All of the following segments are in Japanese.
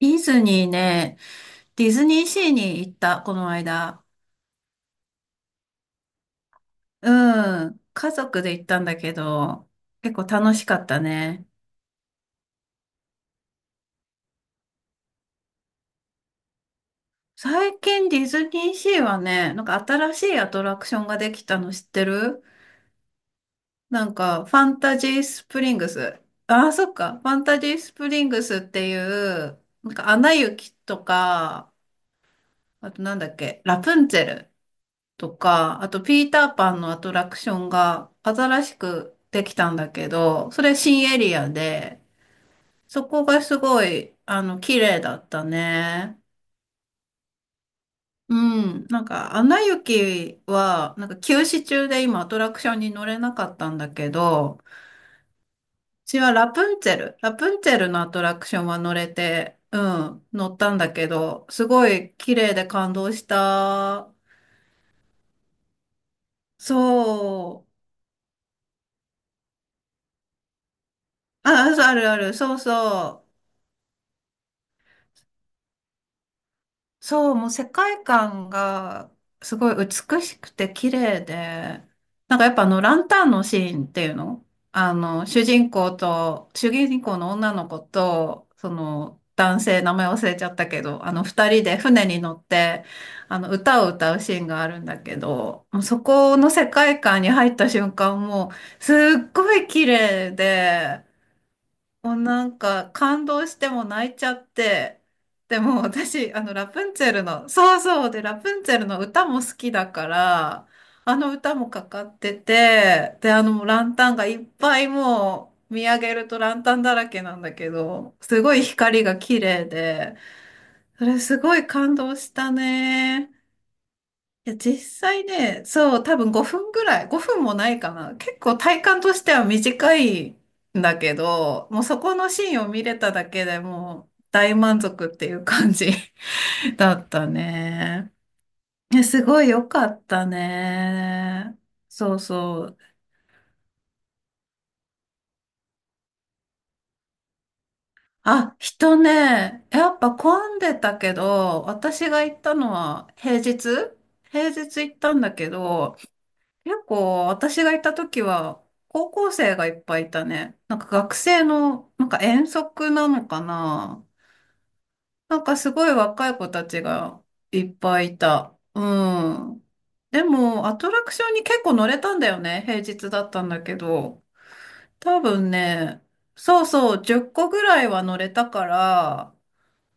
ディズニーね、ディズニーシーに行った、この間。うん。家族で行ったんだけど、結構楽しかったね。最近ディズニーシーはね、なんか新しいアトラクションができたの知ってる？なんか、ファンタジースプリングス。ああ、そっか。ファンタジースプリングスっていう、なんか、アナ雪とか、あとなんだっけ、ラプンツェルとか、あとピーターパンのアトラクションが新しくできたんだけど、それ新エリアで、そこがすごい、綺麗だったね。うん。なんか、アナ雪は、なんか休止中で今アトラクションに乗れなかったんだけど、うちはラプンツェル、ラプンツェルのアトラクションは乗れて、うん、乗ったんだけど、すごい綺麗で感動した。そう。あ、そうあるある、そうそう。そう、もう世界観がすごい美しくて綺麗で、なんかやっぱあのランタンのシーンっていうの、主人公と、主人公の女の子と、その男性、名前忘れちゃったけど、あの二人で船に乗って、あの歌を歌うシーンがあるんだけど、もうそこの世界観に入った瞬間もうすっごい綺麗で、もうなんか感動しても泣いちゃって、でも私、あのラプンツェルの、そうそうで、ラプンツェルの歌も好きだから、あの歌もかかってて、で、あのランタンがいっぱいもう見上げるとランタンだらけなんだけど、すごい光が綺麗で、それすごい感動したね。いや、実際ね、そう、多分5分ぐらい、5分もないかな。結構体感としては短いんだけど、もうそこのシーンを見れただけでもう大満足っていう感じ だったね。いやすごい良かったね。そうそう。あ、人ね、やっぱ混んでたけど、私が行ったのは平日、行ったんだけど、結構私がいた時は高校生がいっぱいいたね。なんか学生の、なんか遠足なのかな。なんかすごい若い子たちがいっぱいいた。うん。でもアトラクションに結構乗れたんだよね。平日だったんだけど。多分ね、そうそう、10個ぐらいは乗れたから、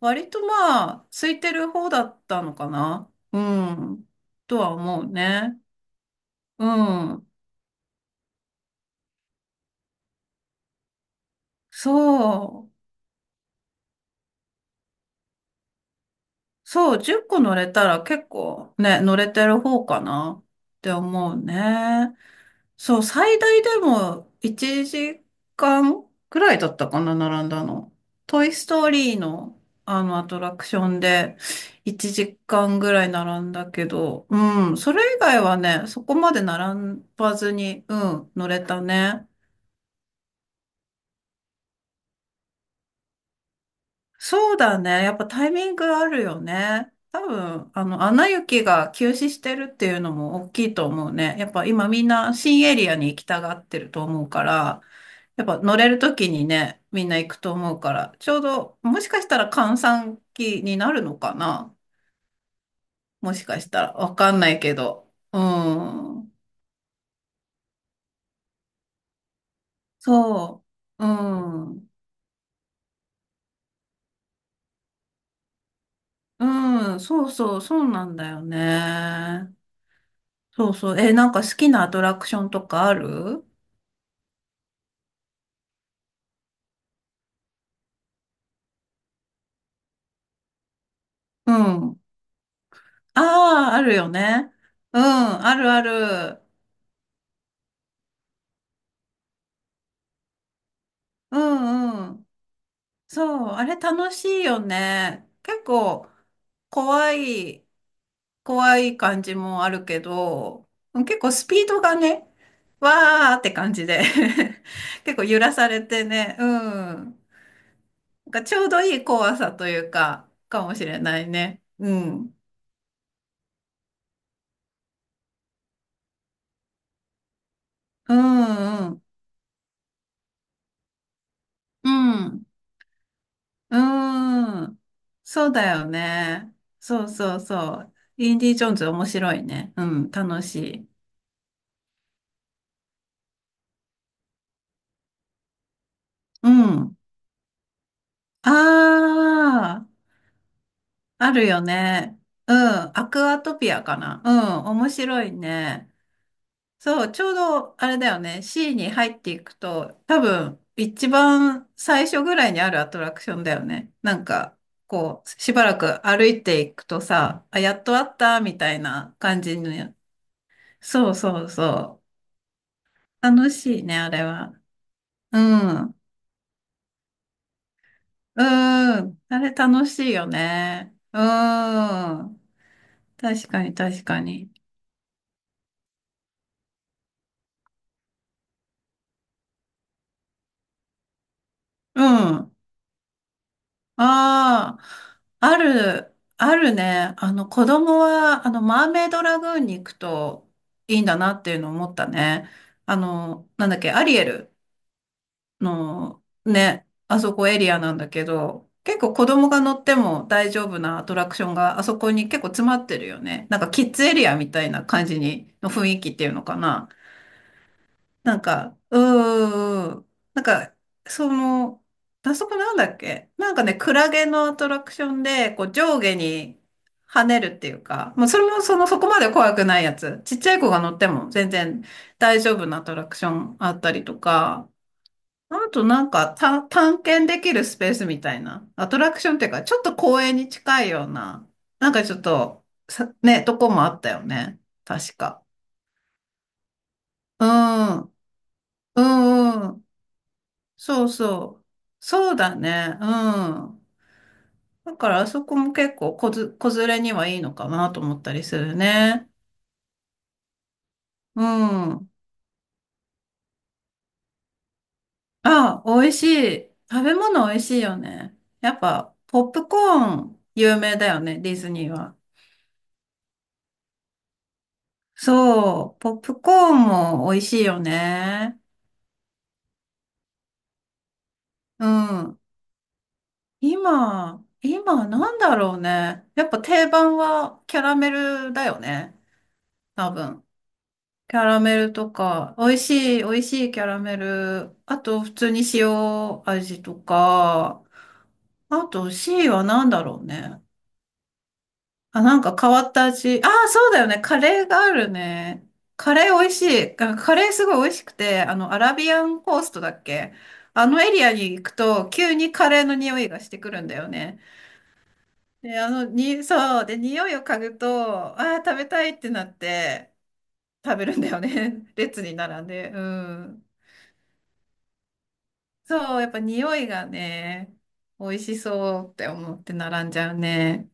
割とまあ、空いてる方だったのかな。うん、とは思うね。うん。そう。そう、10個乗れたら結構ね、乗れてる方かなって思うね。そう、最大でも1時間くらいだったかな、並んだの。トイストーリーのあのアトラクションで1時間ぐらい並んだけど、うん、それ以外はね、そこまで並ばずに、うん、乗れたね。そうだね。やっぱタイミングあるよね。多分、アナ雪が休止してるっていうのも大きいと思うね。やっぱ今みんな新エリアに行きたがってると思うから、やっぱ乗れる時にね、みんな行くと思うから、ちょうど、もしかしたら閑散期になるのかな、もしかしたら。わかんないけど。うん。そう。うん。うん。そうそう、そうなんだよね。そうそう。え、なんか好きなアトラクションとかある？うん。ああ、あるよね。うん、あるある。うんうん。そう、あれ楽しいよね。結構、怖い、感じもあるけど、結構スピードがね、わーって感じで 結構揺らされてね、うん。なんかちょうどいい怖さというか、かもしれないね。うん。うんうん。うん。うーん。そうだよね。そうそうそう。インディ・ジョーンズ面白いね。うん、楽しい。うん。ああ、あるよね。うん、アクアトピアかな。うん、面白いね。そう、ちょうどあれだよね。シーに入っていくと、多分、一番最初ぐらいにあるアトラクションだよね。なんか、こう、しばらく歩いていくとさ、あ、やっとあった、みたいな感じの。そうそうそう。楽しいね、あれは。うん。うん。あれ楽しいよね。うん。確かに、確かに。うん。ああ、ある、あるね。子供は、マーメイドラグーンに行くといいんだなっていうのを思ったね。あの、なんだっけ、アリエルの、ね、あそこエリアなんだけど、結構子供が乗っても大丈夫なアトラクションがあそこに結構詰まってるよね。なんかキッズエリアみたいな感じに、の雰囲気っていうのかな。なんか、その、あそこなんだっけなんかね、クラゲのアトラクションで、こう上下に跳ねるっていうか、まあそれもその、そこまで怖くないやつ。ちっちゃい子が乗っても全然大丈夫なアトラクションあったりとか、あとなんかた探検できるスペースみたいな、アトラクションっていうか、ちょっと公園に近いような、なんかちょっと、さ、ね、とこもあったよね。確か。うん、うん、うん。そうそう。そうだね。うん。だからあそこも結構子ず、子連れにはいいのかなと思ったりするね。うん。あ、美味しい。食べ物美味しいよね。やっぱ、ポップコーン有名だよね、ディズニーは。そう、ポップコーンも美味しいよね。うん。今、なんだろうね。やっぱ定番はキャラメルだよね。多分。キャラメルとか、美味しい、キャラメル。あと、普通に塩味とか。あと、C は何だろうね。あ、なんか変わった味。ああ、そうだよね。カレーがあるね。カレー美味しい。あカレーすごい美味しくて、アラビアンコーストだっけ？あのエリアに行くと、急にカレーの匂いがしてくるんだよね。で、そう。で、匂いを嗅ぐと、ああ、食べたいってなって、食べるんだよね。列に並んで。うん。そう、やっぱ匂いがね、美味しそうって思って並んじゃうね。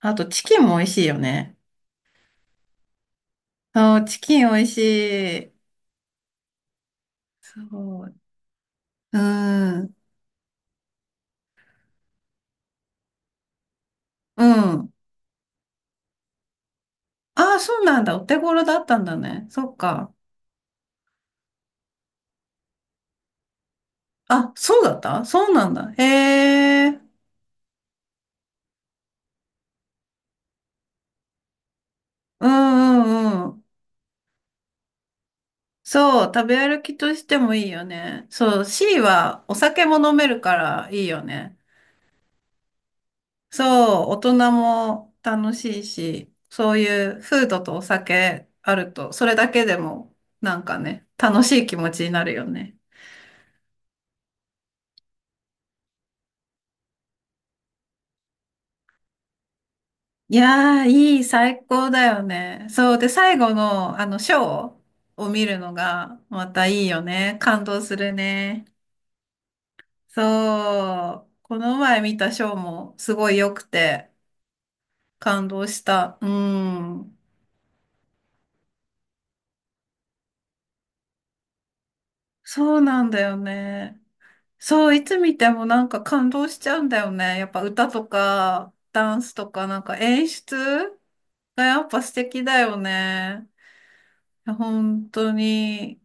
あと、チキンも美味しいよね。そう、チキン美味しい。そう。うん。うん。ああ、そうなんだ。お手頃だったんだね。そっか。あ、そうだったそうなんだ。へえ。うんうんうん。そう、食べ歩きとしてもいいよね。そう、C はお酒も飲めるからいいよね。そう、大人も楽しいし、そういうフードとお酒あると、それだけでもなんかね、楽しい気持ちになるよね。いやー、いい、最高だよね。そう。で、最後の、ショーを見るのが、またいいよね。感動するね。そう。この前見たショーも、すごい良くて、感動した。うん。そうなんだよね。そう、いつ見てもなんか感動しちゃうんだよね。やっぱ歌とか、ダンスとか、なんか演出がやっぱ素敵だよね。本当に。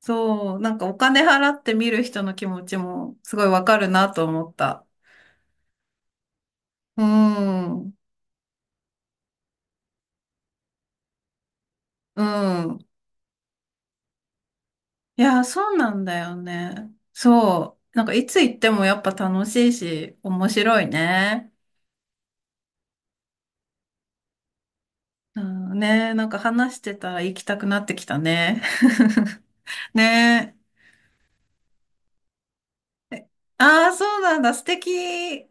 そう、なんかお金払って見る人の気持ちもすごいわかるなと思った。うん、うん。いや、そうなんだよね。そう。なんかいつ行ってもやっぱ楽しいし、面白いね。うんね、なんか話してたら行きたくなってきたね。ね。ああ、そうなんだ。素敵。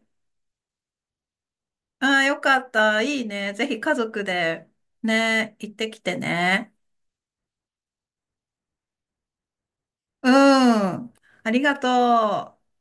ああ、よかった。いいね。ぜひ家族でね、行ってきてね。うん。ありがとう。